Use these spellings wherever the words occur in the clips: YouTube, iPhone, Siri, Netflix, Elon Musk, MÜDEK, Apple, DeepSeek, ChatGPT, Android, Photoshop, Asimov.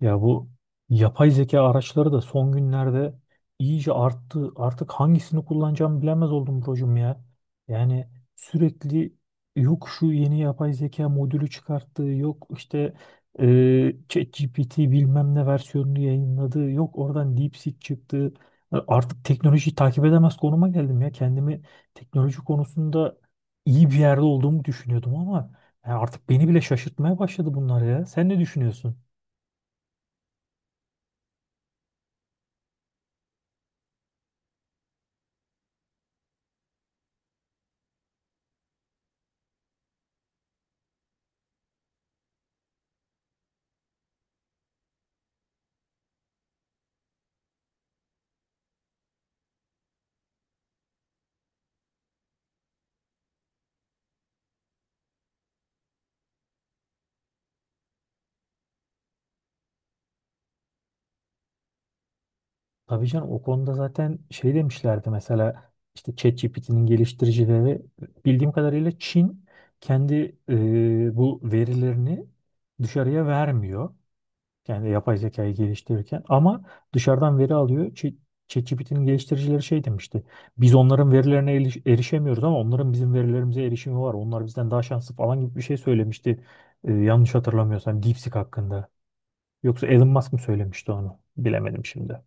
Ya bu yapay zeka araçları da son günlerde iyice arttı. Artık hangisini kullanacağımı bilemez oldum brocum ya. Yani sürekli yok şu yeni yapay zeka modülü çıkarttı, yok işte ChatGPT bilmem ne versiyonunu yayınladı, yok oradan DeepSeek çıktı. Artık teknolojiyi takip edemez konuma geldim ya. Kendimi teknoloji konusunda iyi bir yerde olduğumu düşünüyordum ama yani artık beni bile şaşırtmaya başladı bunlar ya. Sen ne düşünüyorsun? Tabii canım o konuda zaten şey demişlerdi mesela işte ChatGPT'nin geliştiricileri bildiğim kadarıyla Çin kendi bu verilerini dışarıya vermiyor. Yani yapay zekayı geliştirirken ama dışarıdan veri alıyor. ChatGPT'nin geliştiricileri şey demişti. Biz onların verilerine erişemiyoruz ama onların bizim verilerimize erişimi var. Onlar bizden daha şanslı falan gibi bir şey söylemişti. Yanlış hatırlamıyorsam DeepSeek hakkında. Yoksa Elon Musk mı söylemişti onu? Bilemedim şimdi.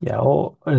Ya o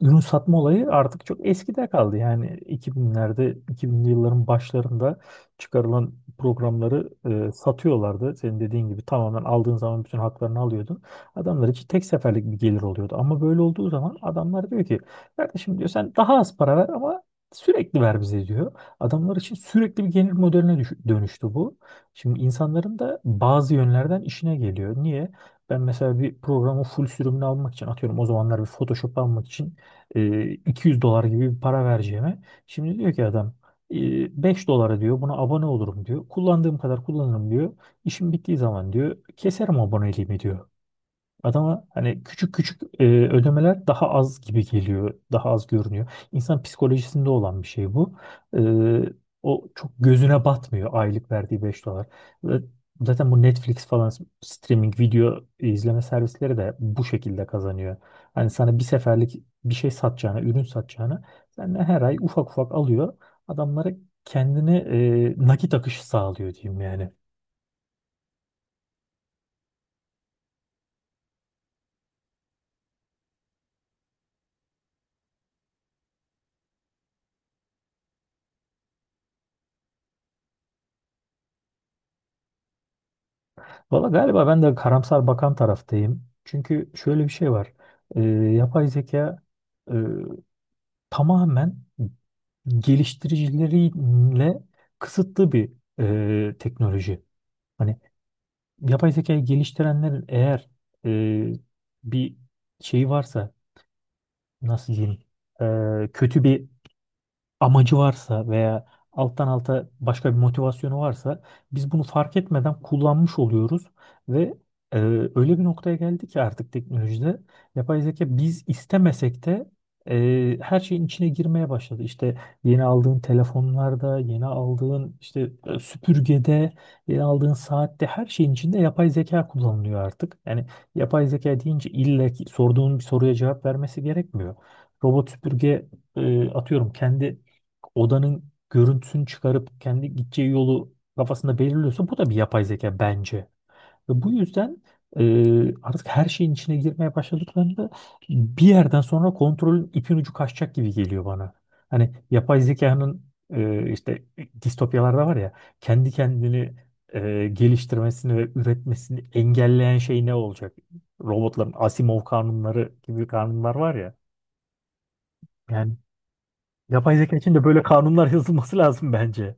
ürün satma olayı artık çok eskide kaldı. Yani 2000'lerde, 2000'li yılların başlarında çıkarılan programları satıyorlardı. Senin dediğin gibi tamamen aldığın zaman bütün haklarını alıyordun. Adamlar için tek seferlik bir gelir oluyordu. Ama böyle olduğu zaman adamlar diyor ki kardeşim diyor sen daha az para ver ama sürekli ver bize diyor. Adamlar için sürekli bir gelir modeline dönüştü bu. Şimdi insanların da bazı yönlerden işine geliyor. Niye? Ben mesela bir programın full sürümünü almak için atıyorum o zamanlar bir Photoshop almak için 200 dolar gibi bir para vereceğime. Şimdi diyor ki adam 5 dolara diyor buna abone olurum diyor. Kullandığım kadar kullanırım diyor. İşim bittiği zaman diyor keserim aboneliğimi diyor. Adama hani küçük küçük ödemeler daha az gibi geliyor, daha az görünüyor. İnsan psikolojisinde olan bir şey bu. E, O çok gözüne batmıyor aylık verdiği 5 dolar. Ve zaten bu Netflix falan streaming video izleme servisleri de bu şekilde kazanıyor. Hani sana bir seferlik bir şey satacağına, ürün satacağına senden her ay ufak ufak alıyor. Adamlara kendine nakit akışı sağlıyor diyeyim yani. Valla galiba ben de karamsar bakan taraftayım. Çünkü şöyle bir şey var. Yapay zeka e, tamamen geliştiricileriyle kısıtlı bir teknoloji. Hani yapay zekayı geliştirenlerin eğer e, bir şeyi varsa nasıl diyeyim kötü bir amacı varsa veya alttan alta başka bir motivasyonu varsa biz bunu fark etmeden kullanmış oluyoruz ve e, öyle bir noktaya geldi ki artık teknolojide yapay zeka biz istemesek de her şeyin içine girmeye başladı. İşte yeni aldığın telefonlarda, yeni aldığın işte süpürgede, yeni aldığın saatte her şeyin içinde yapay zeka kullanılıyor artık. Yani yapay zeka deyince illa ki sorduğun bir soruya cevap vermesi gerekmiyor. Robot süpürge atıyorum kendi odanın görüntüsünü çıkarıp kendi gideceği yolu kafasında belirliyorsa bu da bir yapay zeka bence. Ve bu yüzden artık her şeyin içine girmeye başladıklarında bir yerden sonra kontrolün ipin ucu kaçacak gibi geliyor bana. Hani yapay zekanın işte distopyalarda var ya kendi kendini geliştirmesini ve üretmesini engelleyen şey ne olacak? Robotların Asimov kanunları gibi kanunlar var ya. Yani yapay zeka için de böyle kanunlar yazılması lazım bence.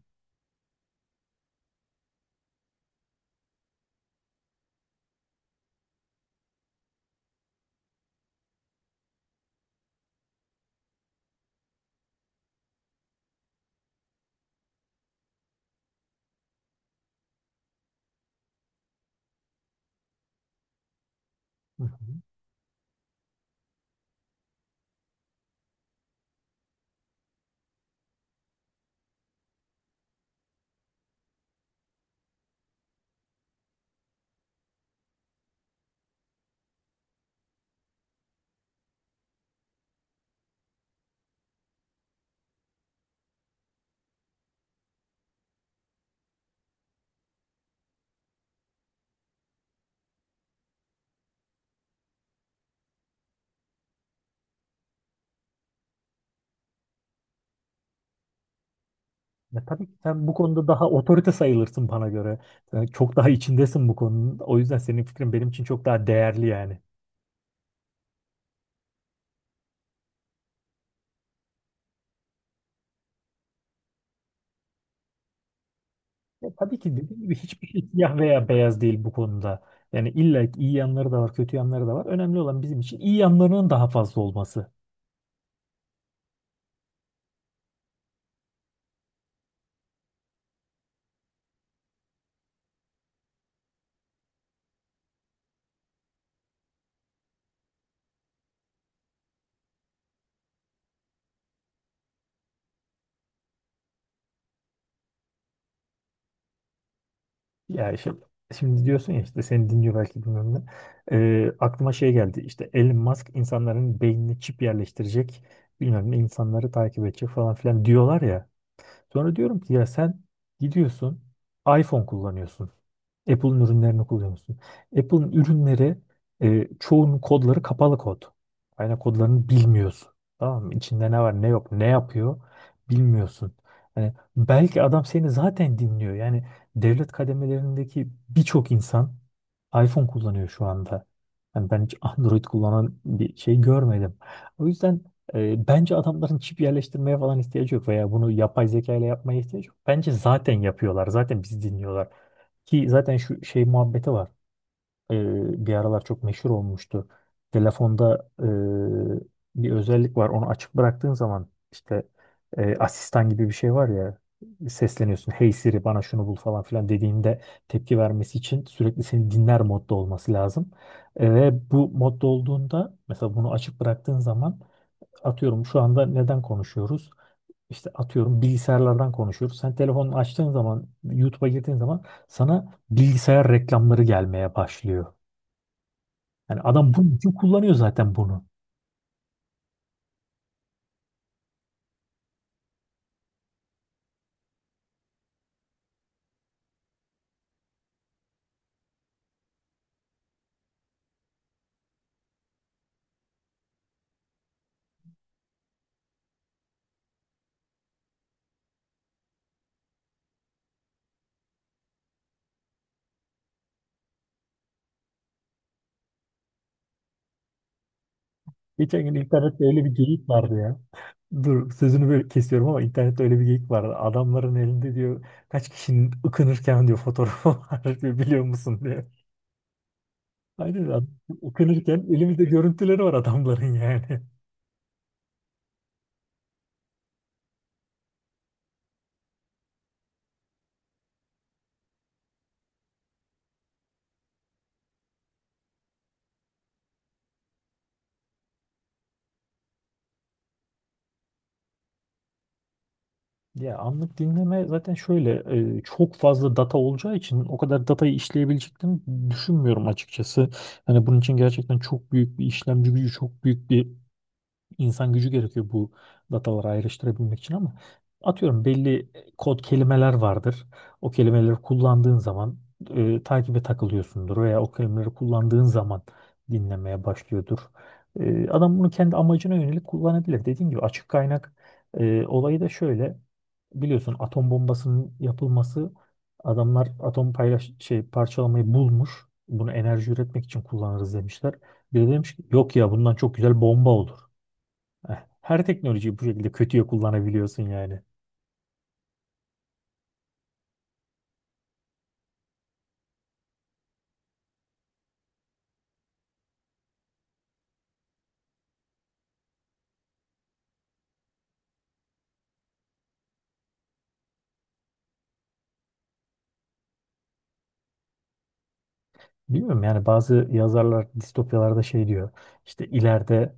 Hı hı. Ya tabii ki sen bu konuda daha otorite sayılırsın bana göre. Sen çok daha içindesin bu konunun. O yüzden senin fikrin benim için çok daha değerli yani. Ya tabii ki dediğim gibi hiçbir şey siyah veya beyaz değil bu konuda. Yani illa ki iyi yanları da var, kötü yanları da var. Önemli olan bizim için iyi yanlarının daha fazla olması. Ya işte, şimdi diyorsun ya işte seni dinliyor belki bilmem ne. Aklıma şey geldi. İşte Elon Musk insanların beynine çip yerleştirecek. Bilmem ne insanları takip edecek falan filan diyorlar ya. Sonra diyorum ki ya sen gidiyorsun iPhone kullanıyorsun. Apple'ın ürünlerini kullanıyorsun. Apple'ın ürünleri çoğunun kodları kapalı kod. Kaynak kodlarını bilmiyorsun. Tamam mı? İçinde ne var ne yok ne yapıyor bilmiyorsun. Yani belki adam seni zaten dinliyor. Yani devlet kademelerindeki birçok insan iPhone kullanıyor şu anda. Yani ben hiç Android kullanan bir şey görmedim. O yüzden bence adamların çip yerleştirmeye falan ihtiyacı yok veya bunu yapay zeka ile yapmaya ihtiyacı yok. Bence zaten yapıyorlar. Zaten bizi dinliyorlar. Ki zaten şu şey muhabbeti var. E, Bir aralar çok meşhur olmuştu. Telefonda bir özellik var. Onu açık bıraktığın zaman işte asistan gibi bir şey var ya sesleniyorsun. Hey Siri bana şunu bul falan filan dediğinde tepki vermesi için sürekli seni dinler modda olması lazım. Ve bu modda olduğunda mesela bunu açık bıraktığın zaman atıyorum şu anda neden konuşuyoruz? İşte atıyorum bilgisayarlardan konuşuyoruz. Sen telefonunu açtığın zaman, YouTube'a girdiğin zaman sana bilgisayar reklamları gelmeye başlıyor. Yani adam bunun için kullanıyor zaten bunu. Geçen gün internette öyle bir geyik vardı ya. Dur sözünü böyle kesiyorum ama internette öyle bir geyik vardı. Adamların elinde diyor kaç kişinin ıkınırken diyor fotoğrafı var diyor biliyor musun diyor. Aynen adam ıkınırken elimizde görüntüleri var adamların yani. Ya anlık dinleme zaten şöyle çok fazla data olacağı için o kadar datayı işleyebileceklerini düşünmüyorum açıkçası. Hani bunun için gerçekten çok büyük bir işlemci gücü, çok büyük bir insan gücü gerekiyor bu dataları ayrıştırabilmek için ama atıyorum belli kod kelimeler vardır. O kelimeleri kullandığın zaman takibe takılıyorsundur veya o kelimeleri kullandığın zaman dinlemeye başlıyordur. Adam bunu kendi amacına yönelik kullanabilir. Dediğim gibi açık kaynak olayı da şöyle biliyorsun atom bombasının yapılması adamlar atom paylaş şey parçalamayı bulmuş. Bunu enerji üretmek için kullanırız demişler. Biri demiş ki yok ya bundan çok güzel bomba olur. Her teknolojiyi bu şekilde kötüye kullanabiliyorsun yani. Bilmiyorum yani bazı yazarlar distopyalarda şey diyor. İşte ileride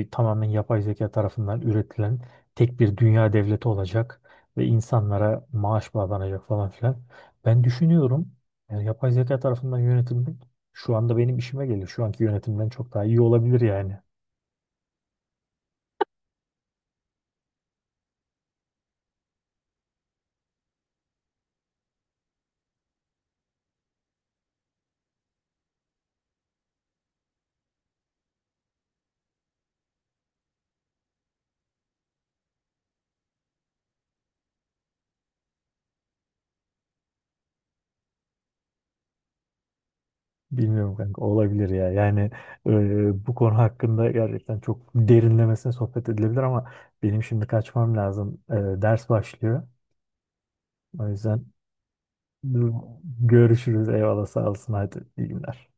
tamamen yapay zeka tarafından üretilen tek bir dünya devleti olacak ve insanlara maaş bağlanacak falan filan. Ben düşünüyorum yani yapay zeka tarafından yönetilmek şu anda benim işime geliyor. Şu anki yönetimden çok daha iyi olabilir yani. Bilmiyorum kanka olabilir ya. Yani bu konu hakkında gerçekten çok derinlemesine sohbet edilebilir ama benim şimdi kaçmam lazım. Ders başlıyor. O yüzden görüşürüz. Eyvallah sağ olsun. Hadi iyi günler.